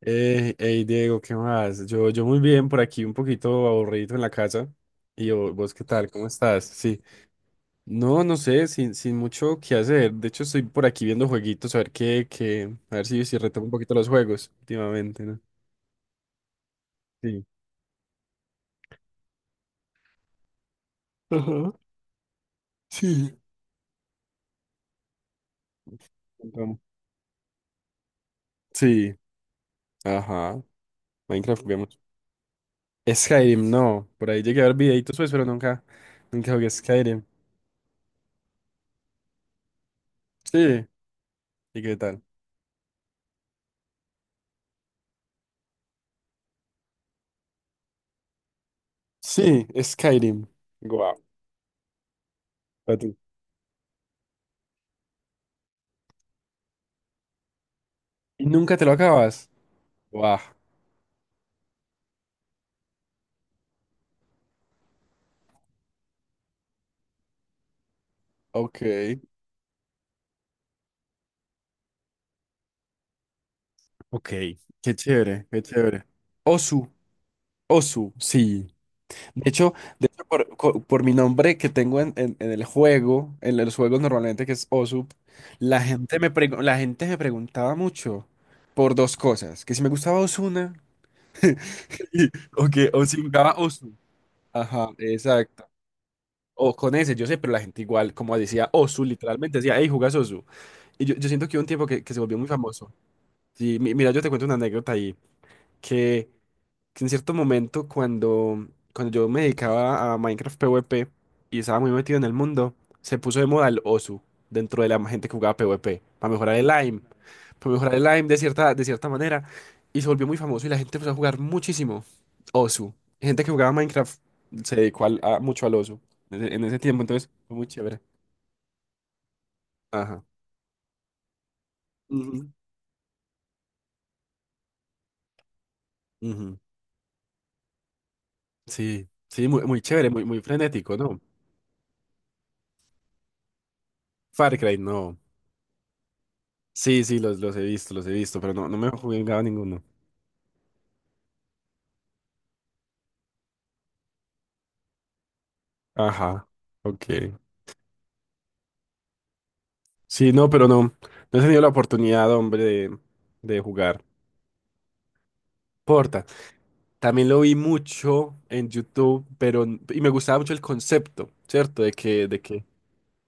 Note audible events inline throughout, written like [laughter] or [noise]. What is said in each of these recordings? Hey Diego, ¿qué más? Yo muy bien, por aquí un poquito aburrido en la casa. ¿Y vos qué tal? ¿Cómo estás? Sí. No, no sé, sin mucho que hacer. De hecho, estoy por aquí viendo jueguitos, a ver a ver si retomo un poquito los juegos últimamente, ¿no? Sí. Ajá, sí. Retomo. Sí, ajá. Minecraft juguemos. Skyrim, no. Por ahí llegué a ver videitos, pues, pero nunca jugué Skyrim. Sí. ¿Y qué tal? Sí, Skyrim. Guau. Pa' tú. ¿Y nunca te lo acabas? Wow, ok. Ok. Qué chévere, qué chévere. Osu, Osu, sí. De hecho, de hecho por mi nombre que tengo en el juego, en los juegos normalmente que es Osu, la gente me preguntaba mucho por dos cosas, que si me gustaba Osuna [laughs] y- o que o si jugaba Osu. Ajá, exacto. O con ese, yo sé, pero la gente igual, como decía Osu, literalmente decía, hey, jugas Osu. Y yo siento que hubo un tiempo que se volvió muy famoso. Sí, mira, yo te cuento una anécdota ahí. Que que en cierto momento cuando, yo me dedicaba a Minecraft PvP y estaba muy metido en el mundo, se puso de moda el Osu dentro de la gente que jugaba PvP para mejorar el aim de de cierta manera, y se volvió muy famoso y la gente empezó a jugar muchísimo Osu. Gente que jugaba Minecraft se dedicó mucho al Osu en ese tiempo, entonces fue muy chévere. Ajá. Ujú. Ujú. Sí, sí, muy, muy chévere, muy, muy frenético, ¿no? Far Cry, no. Sí, sí, los he visto, pero no, no me he jugado ninguno. Ajá, ok. Sí, no, pero no, no he tenido la oportunidad, hombre, de jugar. Porta. También lo vi mucho en YouTube, pero, y me gustaba mucho el concepto, ¿cierto? De que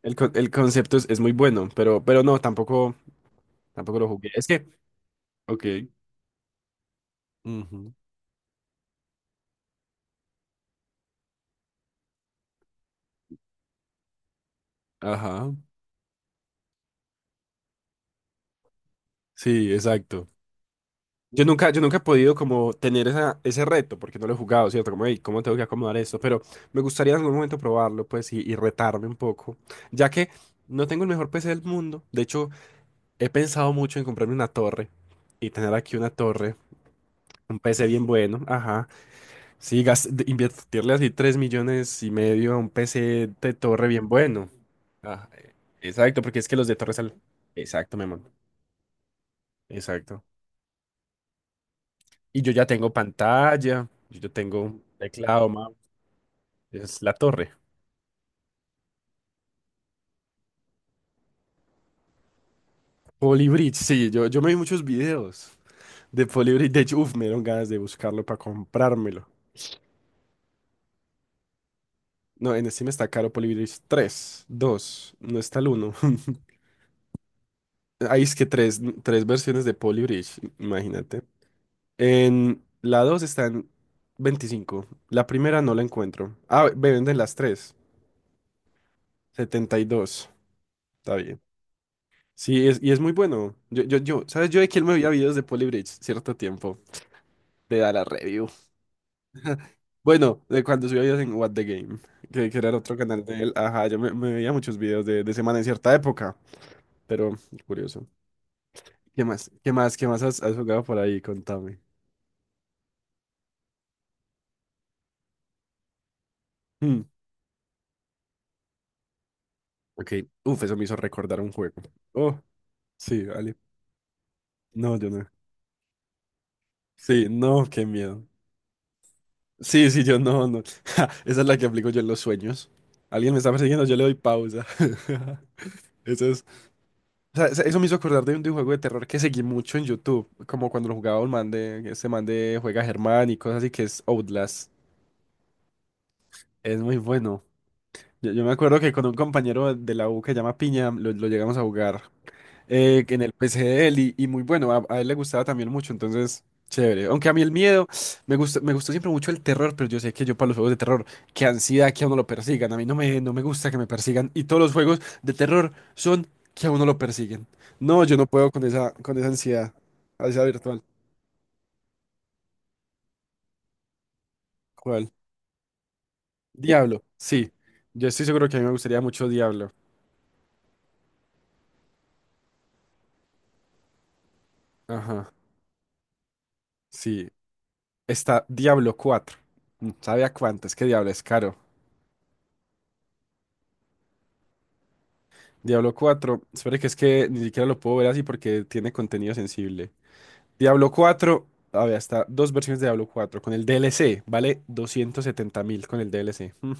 el concepto es muy bueno, pero no, tampoco lo jugué. Es que, ok. Ujú, ajá, sí, exacto. Yo nunca he podido como tener esa, ese reto, porque no lo he jugado, ¿cierto? Como, "Ey, ¿cómo tengo que acomodar esto?" Pero me gustaría en algún momento probarlo, pues, y retarme un poco, ya que no tengo el mejor PC del mundo. De hecho, he pensado mucho en comprarme una torre y tener aquí una torre, un PC bien bueno, ajá. Sí, invertirle así 3,5 millones a un PC de torre bien bueno. Ah, exacto, porque es que los de torre salen... Exacto, Memo, exacto. Y yo ya tengo pantalla, yo ya tengo teclado. Es la torre. Polybridge, sí, yo me vi muchos videos de Polybridge. De hecho, uf, me dieron ganas de buscarlo para comprármelo. No, en Steam está caro Polybridge tres, dos. No está el uno. [laughs] Ahí es que tres tres versiones de Polybridge, imagínate. En la dos está en 25. La primera no la encuentro. Ah, me venden las tres, 72. Está bien. Sí, y es muy bueno. Yo, ¿sabes? Yo de quién me veía videos de Polybridge cierto tiempo. Te da la review. Bueno, de cuando subía videos en What the Game, que era el otro canal de él. Ajá, yo me veía muchos videos de semana en cierta época, pero curioso. ¿Qué más? ¿Qué más? ¿Qué más has jugado por ahí? Contame. Hmm, ok, uf, eso me hizo recordar un juego. Oh, sí, vale. No, yo no. Sí, no, qué miedo. Sí, sí, yo no, no. [laughs] Ja, esa es la que aplico yo en los sueños. Alguien me está persiguiendo, yo le doy pausa. [laughs] Eso es O sea, eso me hizo acordar de de un juego de terror que seguí mucho en YouTube, como cuando lo jugaba un man de, este man de juega Germán y cosas así, que es Outlast. Es muy bueno. Yo me acuerdo que con un compañero de la U que se llama Piña, lo llegamos a jugar en el PC de él y muy bueno, a él le gustaba también mucho, entonces chévere. Aunque a mí el miedo, me gusta, me gustó siempre mucho el terror, pero yo sé que yo para los juegos de terror, qué ansiedad que a uno lo persigan, a mí no me gusta que me persigan y todos los juegos de terror son que a uno lo persiguen. No, yo no puedo con con esa ansiedad, ansiedad virtual. ¿Cuál? Diablo, sí. Yo estoy seguro que a mí me gustaría mucho Diablo. Ajá, sí. Está Diablo cuatro. Mm, ¿sabe a cuánto? Es que Diablo es caro. Diablo cuatro, espere que es que ni siquiera lo puedo ver así porque tiene contenido sensible. Diablo cuatro, a ver, hasta dos versiones de Diablo cuatro. Con el DLC vale 270.000 con el DLC. Mm.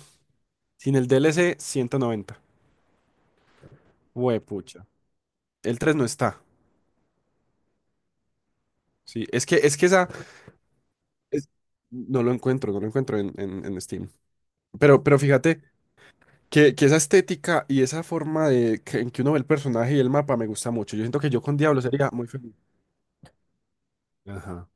Sin el DLC, 190. Huepucha. El 3 no está. Sí, es que, esa... es- no lo encuentro, en, en Steam. Pero fíjate que esa estética y esa forma de que, en que uno ve el personaje y el mapa me gusta mucho. Yo siento que yo con Diablo sería muy feliz. Ajá.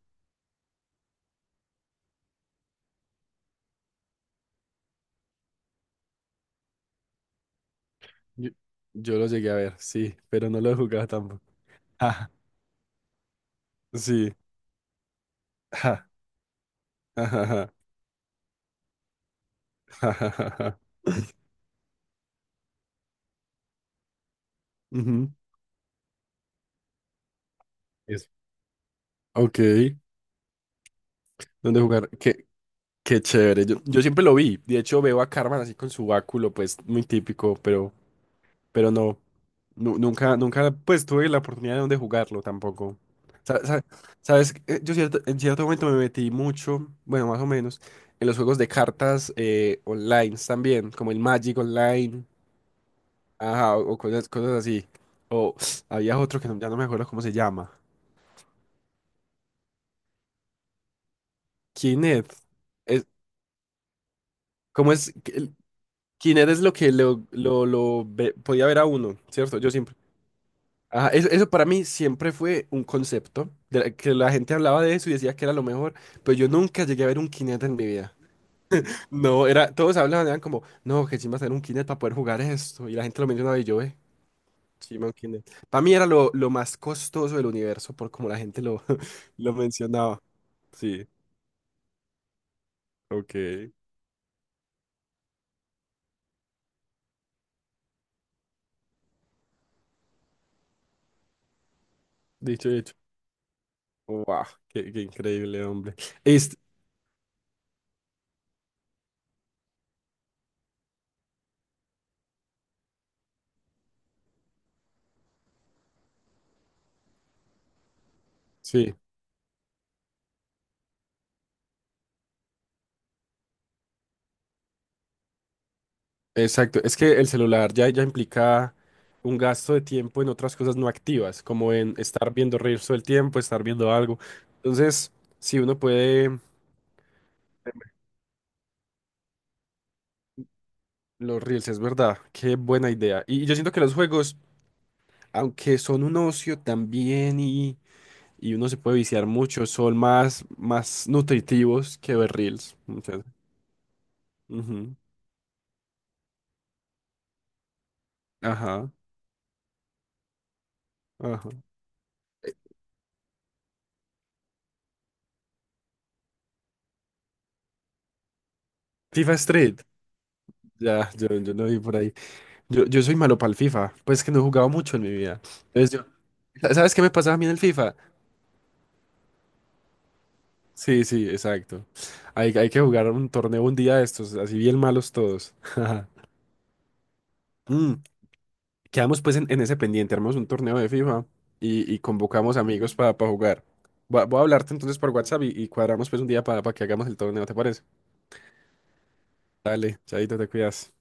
Yo, yo lo llegué a ver, sí, pero no lo he jugado tampoco. Ah, sí. Ja, ja, ja, ja, ja, ja, ja, ja. Ujú. Eso. Ok, ¿dónde jugar? Qué chévere. Yo siempre lo vi. De hecho, veo a Carmen así con su báculo, pues muy típico, pero no, nunca, pues tuve la oportunidad de jugarlo tampoco. Sa- sa- Sabes, yo en cierto momento me metí mucho, bueno, más o menos, en los juegos de cartas online también, como el Magic Online. Ajá, o cosas así. O [sniffs] había otro que ya no me acuerdo cómo se llama. Kinect. Es, ¿Cómo es Kinect es lo que podía ver a uno, ¿cierto? Yo siempre. Ajá, eso para mí siempre fue un concepto, que la gente hablaba de eso y decía que era lo mejor, pero yo nunca llegué a ver un Kinect en mi vida. No, era, todos hablaban, eran como, no, que sí va a tener un Kinect para poder jugar esto, y la gente lo mencionaba y yo. Sí, Monkey Island. Para mí era lo más costoso del universo por como la gente lo, [laughs] lo mencionaba. Sí, ok. Dicho y hecho. Wow, qué increíble, hombre. Es, sí, exacto. Es que el celular ya, ya implica un gasto de tiempo en otras cosas no activas, como en estar viendo reels todo el tiempo, estar viendo algo. Entonces, si uno puede, los reels es verdad. Qué buena idea. Y yo siento que los juegos, aunque son un ocio también y uno se puede viciar mucho, son más, más nutritivos que ver Reels. Ujú. Ajá, ajá. FIFA Street. Ya, yo lo vi por ahí. Yo soy malo para el FIFA, pues que no he jugado mucho en mi vida. Entonces yo, ¿Sabes qué me pasaba a mí en el FIFA? Sí, sí, exacto. Hay que jugar un torneo un día de estos, así bien malos todos. [laughs] Mm. Quedamos pues en ese pendiente, armamos un torneo de FIFA y convocamos amigos para jugar. Voy a hablarte entonces por WhatsApp y cuadramos pues un día para que hagamos el torneo, ¿te parece? Dale, chaito, te cuidas.